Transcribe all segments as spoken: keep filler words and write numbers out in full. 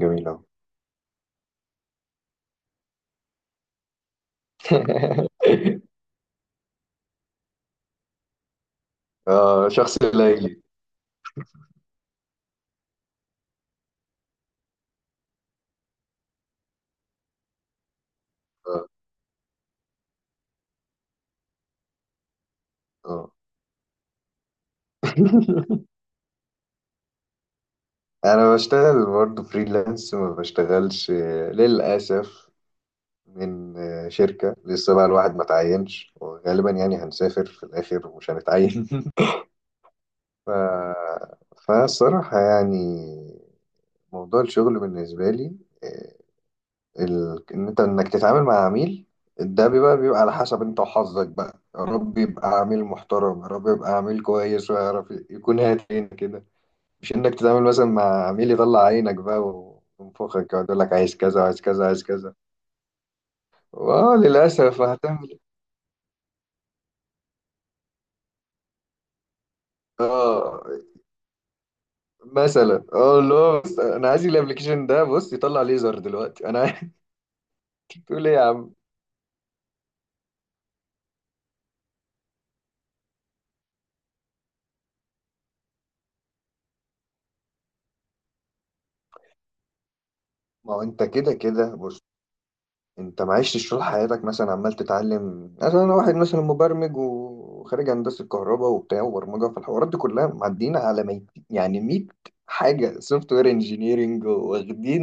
جميل أوي. آه، شخص ليلي. آه. آه. أنا بشتغل برضه فريلانس، ما بشتغلش، آه، للأسف، من آه، شركة. لسه بقى الواحد ما تعينش، وغالبا يعني هنسافر في الآخر ومش هنتعين. ف... فالصراحة يعني موضوع الشغل بالنسبة لي، آه، ال... ان انت انك تتعامل مع عميل، ده بيبقى بيبقى على حسب انت وحظك بقى. يا رب يبقى عميل محترم، يا رب يبقى عميل كويس ويعرف يكون هاتين كده، مش انك تتعامل مثلا مع عميل يطلع عينك بقى وينفخك، يقعد يقول لك عايز كذا عايز كذا عايز كذا. اه للاسف، هتعمل إيه؟ اه مثلا. اه لا، بس انا عايز الابلكيشن ده، بص يطلع ليزر دلوقتي، انا عايز- تقول ايه يا عم؟ ما هو انت كده كده بص، انت ما عشتش طول حياتك مثلا عمال تتعلم؟ مثلا انا واحد مثلا مبرمج وخارج هندسه كهرباء وبتاع وبرمجه، فالحوارات دي كلها معدينا على ميت، يعني مية حاجه سوفت وير انجينيرنج واخدين،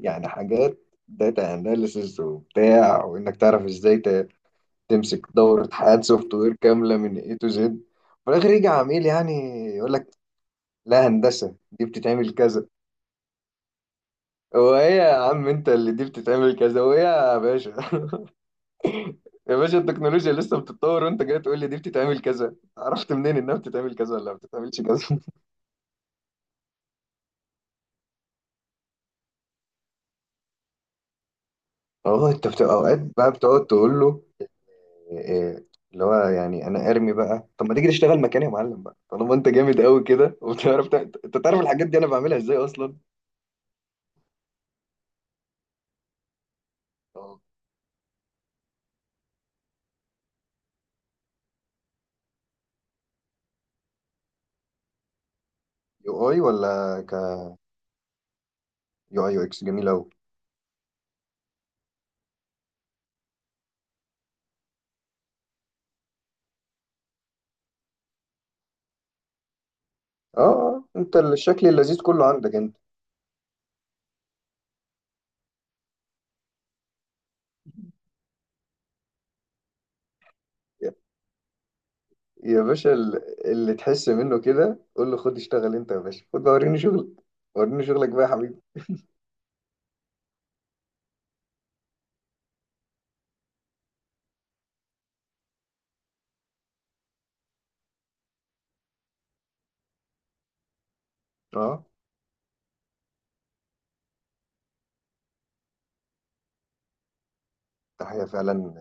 يعني حاجات داتا اناليسز وبتاع، وانك تعرف ازاي ت- تمسك دوره حياه سوفت وير كامله من اي تو زد. في الاخر يجي عميل يعني يقول لك لا، هندسه دي بتتعمل كذا. هو ايه يا عم انت؟ اللي دي بتتعمل كذا، هو ايه يا باشا؟ يا باشا التكنولوجيا لسه بتتطور، وانت جاي تقول لي دي بتتعمل كذا؟ عرفت منين انها بتتعمل كذا ولا ما بتتعملش كذا؟ والله انت بتبقى اوقات بقى بتقعد تقول له إيه، اللي هو يعني انا ارمي بقى، طب ما تيجي تشتغل مكاني يا معلم بقى، طالما انت جامد قوي كده وبتعرف تع- انت تعرف الحاجات دي انا بعملها ازاي اصلا؟ يو اي ولا ك؟ يو اي يو اكس، جميل قوي. اه آه، انت الشكل اللذيذ كله عندك انت. يا يا باشا ال- اللي تحس منه كده قول له خد اشتغل انت يا باشا، خد بقى وريني شغلك. وريني شغلك بقى يا حبيبي. اه ده هي فعلا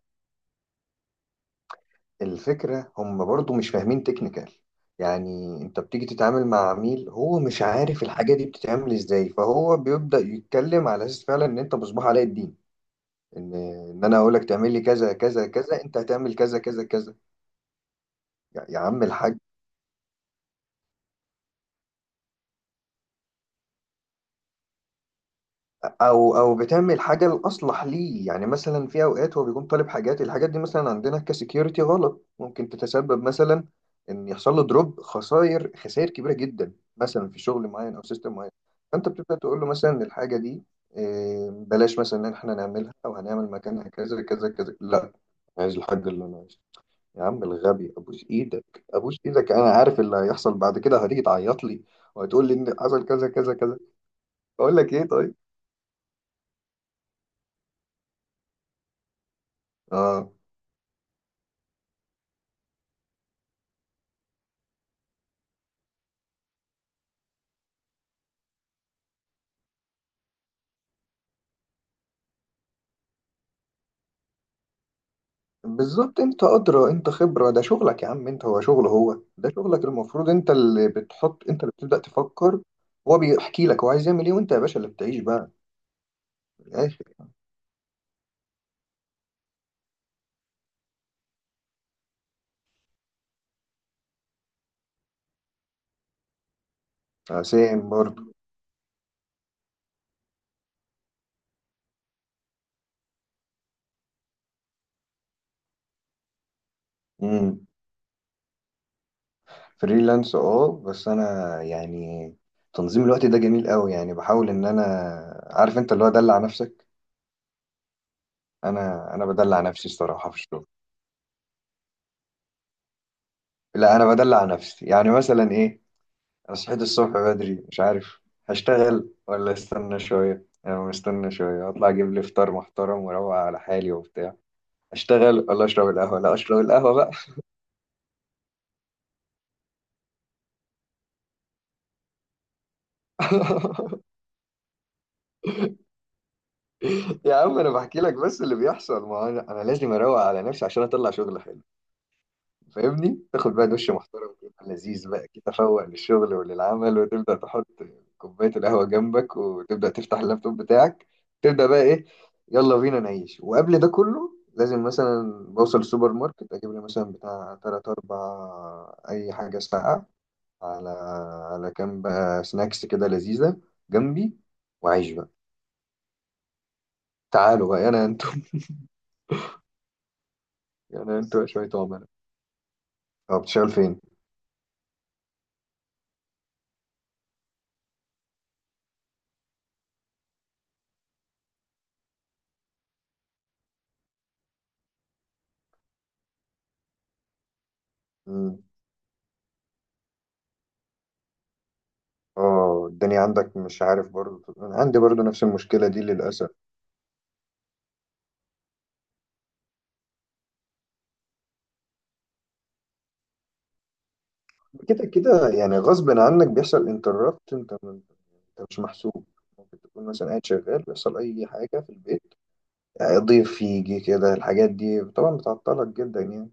الفكرة، هم برضو مش فاهمين تكنيكال. يعني انت بتيجي تتعامل مع عميل هو مش عارف الحاجة دي بتتعمل ازاي، فهو بيبدأ يتكلم على اساس فعلا ان انت مصباح علاء الدين، ان ان انا اقول لك تعمل لي كذا كذا كذا، انت هتعمل كذا كذا كذا. يا يا عم الحاج، او او بتعمل حاجه الاصلح ليه. يعني مثلا في اوقات هو بيكون طالب حاجات، الحاجات دي مثلا عندنا كسكيورتي غلط، ممكن تتسبب مثلا ان يحصل له دروب، خسائر خسائر كبيره جدا، مثلا في شغل معين او سيستم معين. فانت بتبدا تقول له مثلا إن الحاجه دي آه، بلاش مثلا ان احنا نعملها، او هنعمل مكانها كذا كذا كذا. لا، عايز الحاجه اللي انا عايزها. يا عم الغبي، ابوس ايدك ابوس ايدك، انا عارف اللي هيحصل بعد كده، هتيجي تعيط لي وهتقول لي ان حصل كذا كذا كذا. اقول لك ايه طيب. اه بالظبط، انت ادرى، انت خبره، ده شغلك يا عم انت، هو شغل، هو ده شغلك، المفروض انت اللي بتحط، انت اللي بتبدا تفكر. هو بيحكي لك هو عايز يعمل ايه، وانت يا باشا اللي بتعيش بقى في الاخر. سام برضه. امم، فريلانس اه، بس انا يعني تنظيم الوقت ده جميل قوي، يعني بحاول ان انا عارف انت اللي هو دلع نفسك. انا انا بدلع نفسي الصراحه في الشغل. لا انا بدلع نفسي، يعني مثلا ايه، أنا صحيت الصبح بدري، مش عارف هشتغل ولا استنى شوية. يعني أنا مستنى شوية أطلع أجيب لي فطار محترم وأروق على حالي وبتاع، أشتغل ولا أشرب القهوة؟ لا أشرب القهوة بقى. يا عم أنا بحكي لك بس اللي بيحصل، ما هو أنا أنا لازم أروق على نفسي عشان أطلع شغل حلو. فاهمني، تاخد بقى دش محترم كده لذيذ، بقى كده تفوق للشغل وللعمل، وتبدا تحط كوبايه القهوه جنبك، وتبدا تفتح اللابتوب بتاعك، تبدا بقى ايه، يلا بينا نعيش. وقبل ده كله لازم مثلا بوصل السوبر ماركت، اجيب لي مثلا بتاع تلات اربع اي حاجه ساقعه، على على كام بقى سناكس كده لذيذه جنبي، واعيش بقى. تعالوا بقى انا انتم. انا انتم شويه عملاء. طب بتشتغل فين؟ اه الدنيا عندك مش عارف، برضو أنا عندي برضو نفس المشكلة دي للأسف. كده كده يعني غصب عنك، بيحصل انتربت، انت انت مش محسوب، ممكن تكون مثلا قاعد شغال بيحصل أي حاجة في البيت، آه، ضيف يجي كده، الحاجات دي طبعا بتعطلك جدا يعني.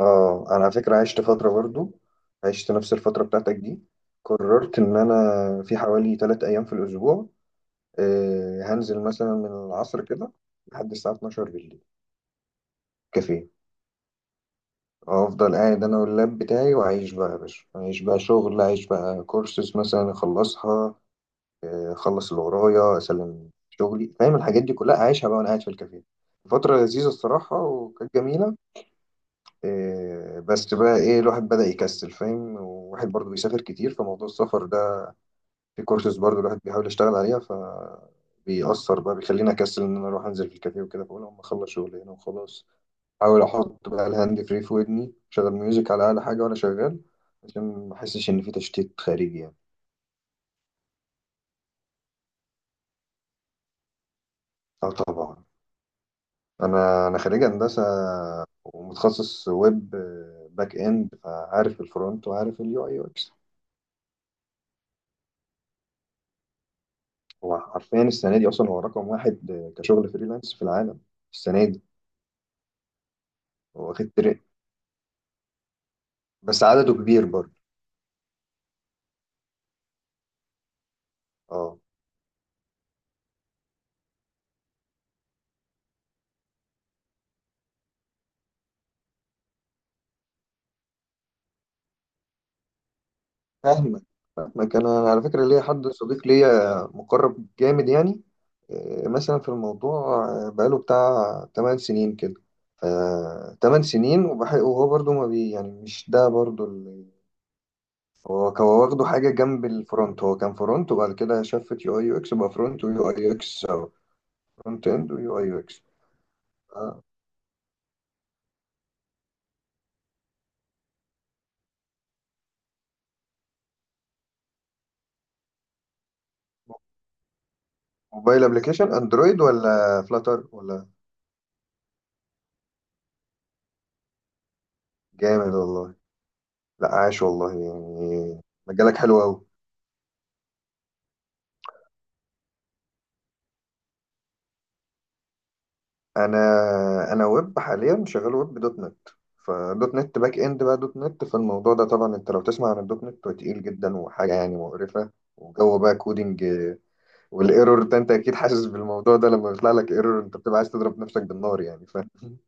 اه أنا على فكرة عشت فترة برضو، عشت نفس الفترة بتاعتك دي. قررت إن أنا في حوالي تلات أيام في الأسبوع، آه، هنزل مثلا من العصر كده لحد الساعة الثانية عشرة بالليل كافيه. افضل قاعد انا واللاب بتاعي، واعيش بقى يا باشا، اعيش بقى شغل، اعيش بقى كورسز مثلا اخلصها، آه، اخلص اللي ورايا، اسلم شغلي، فاهم الحاجات دي كلها اعيشها بقى وانا قاعد في الكافيه. فترة لذيذة الصراحة، وكانت جميلة. آه، بس بقى ايه، الواحد بدأ يكسل فاهم، وواحد برضه بيسافر كتير، فموضوع السفر ده في كورسز برضه الواحد بيحاول يشتغل عليها، ف بيأثر بقى، بيخليني اكسل ان انا اروح انزل في الكافيه وكده. فاقول اما اخلص شغل هنا وخلاص، احاول احط بقى الهاند فري في ودني، شغل ميوزك على اعلى حاجه وانا شغال، عشان ما احسش ان في تشتيت خارجي يعني. اه طبعا. انا انا خريج هندسه ومتخصص ويب، آه، باك اند، فعارف الفرونت وعارف اليو اي يو اكس. هو حرفيا السنه دي اصلا هو رقم واحد، آه، كشغل فريلانس في العالم السنه دي. هو واخد ترند، بس عدده كبير برضه. اه فاهمك. فاهمك، انا على فكره ليا حد صديق ليا مقرب جامد يعني، آه، مثلا في الموضوع آه، بقاله بتاع تمانية سنين كده. ف تمانية سنين، وبح- وهو برضو ما بي يعني، مش ده برضو اللي هو كان واخده حاجه جنب الفرونت. هو كان فرونت وبعد كده شفت يو اي يو اكس، بقى فرونت ويو اي يو اكس، او فرونت اند ويو اي يو اكس. آه، موبايل ابلكيشن اندرويد ولا فلاتر ولا؟ جامد والله. لا عاش والله يعني، مجالك حلو قوي. انا انا ويب حاليا، شغال ويب دوت نت. فدوت نت باك اند بقى، دوت نت، فالموضوع ده طبعا انت لو تسمع عن الدوت نت هو تقيل جدا، وحاجه يعني مقرفه، وجو بقى كودينج، آه، والايرور ده انت اكيد حاسس بالموضوع ده، لما بيطلع لك ايرور انت بتبقى عايز تضرب نفسك بالنار يعني. ف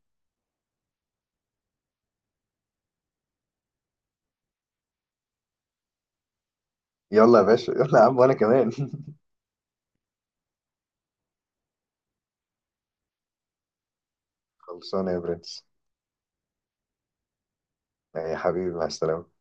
يلا يا باشا، يلا يا عم، وانا كمان. خلصانه يا برنس. يا حبيبي، مع السلامه.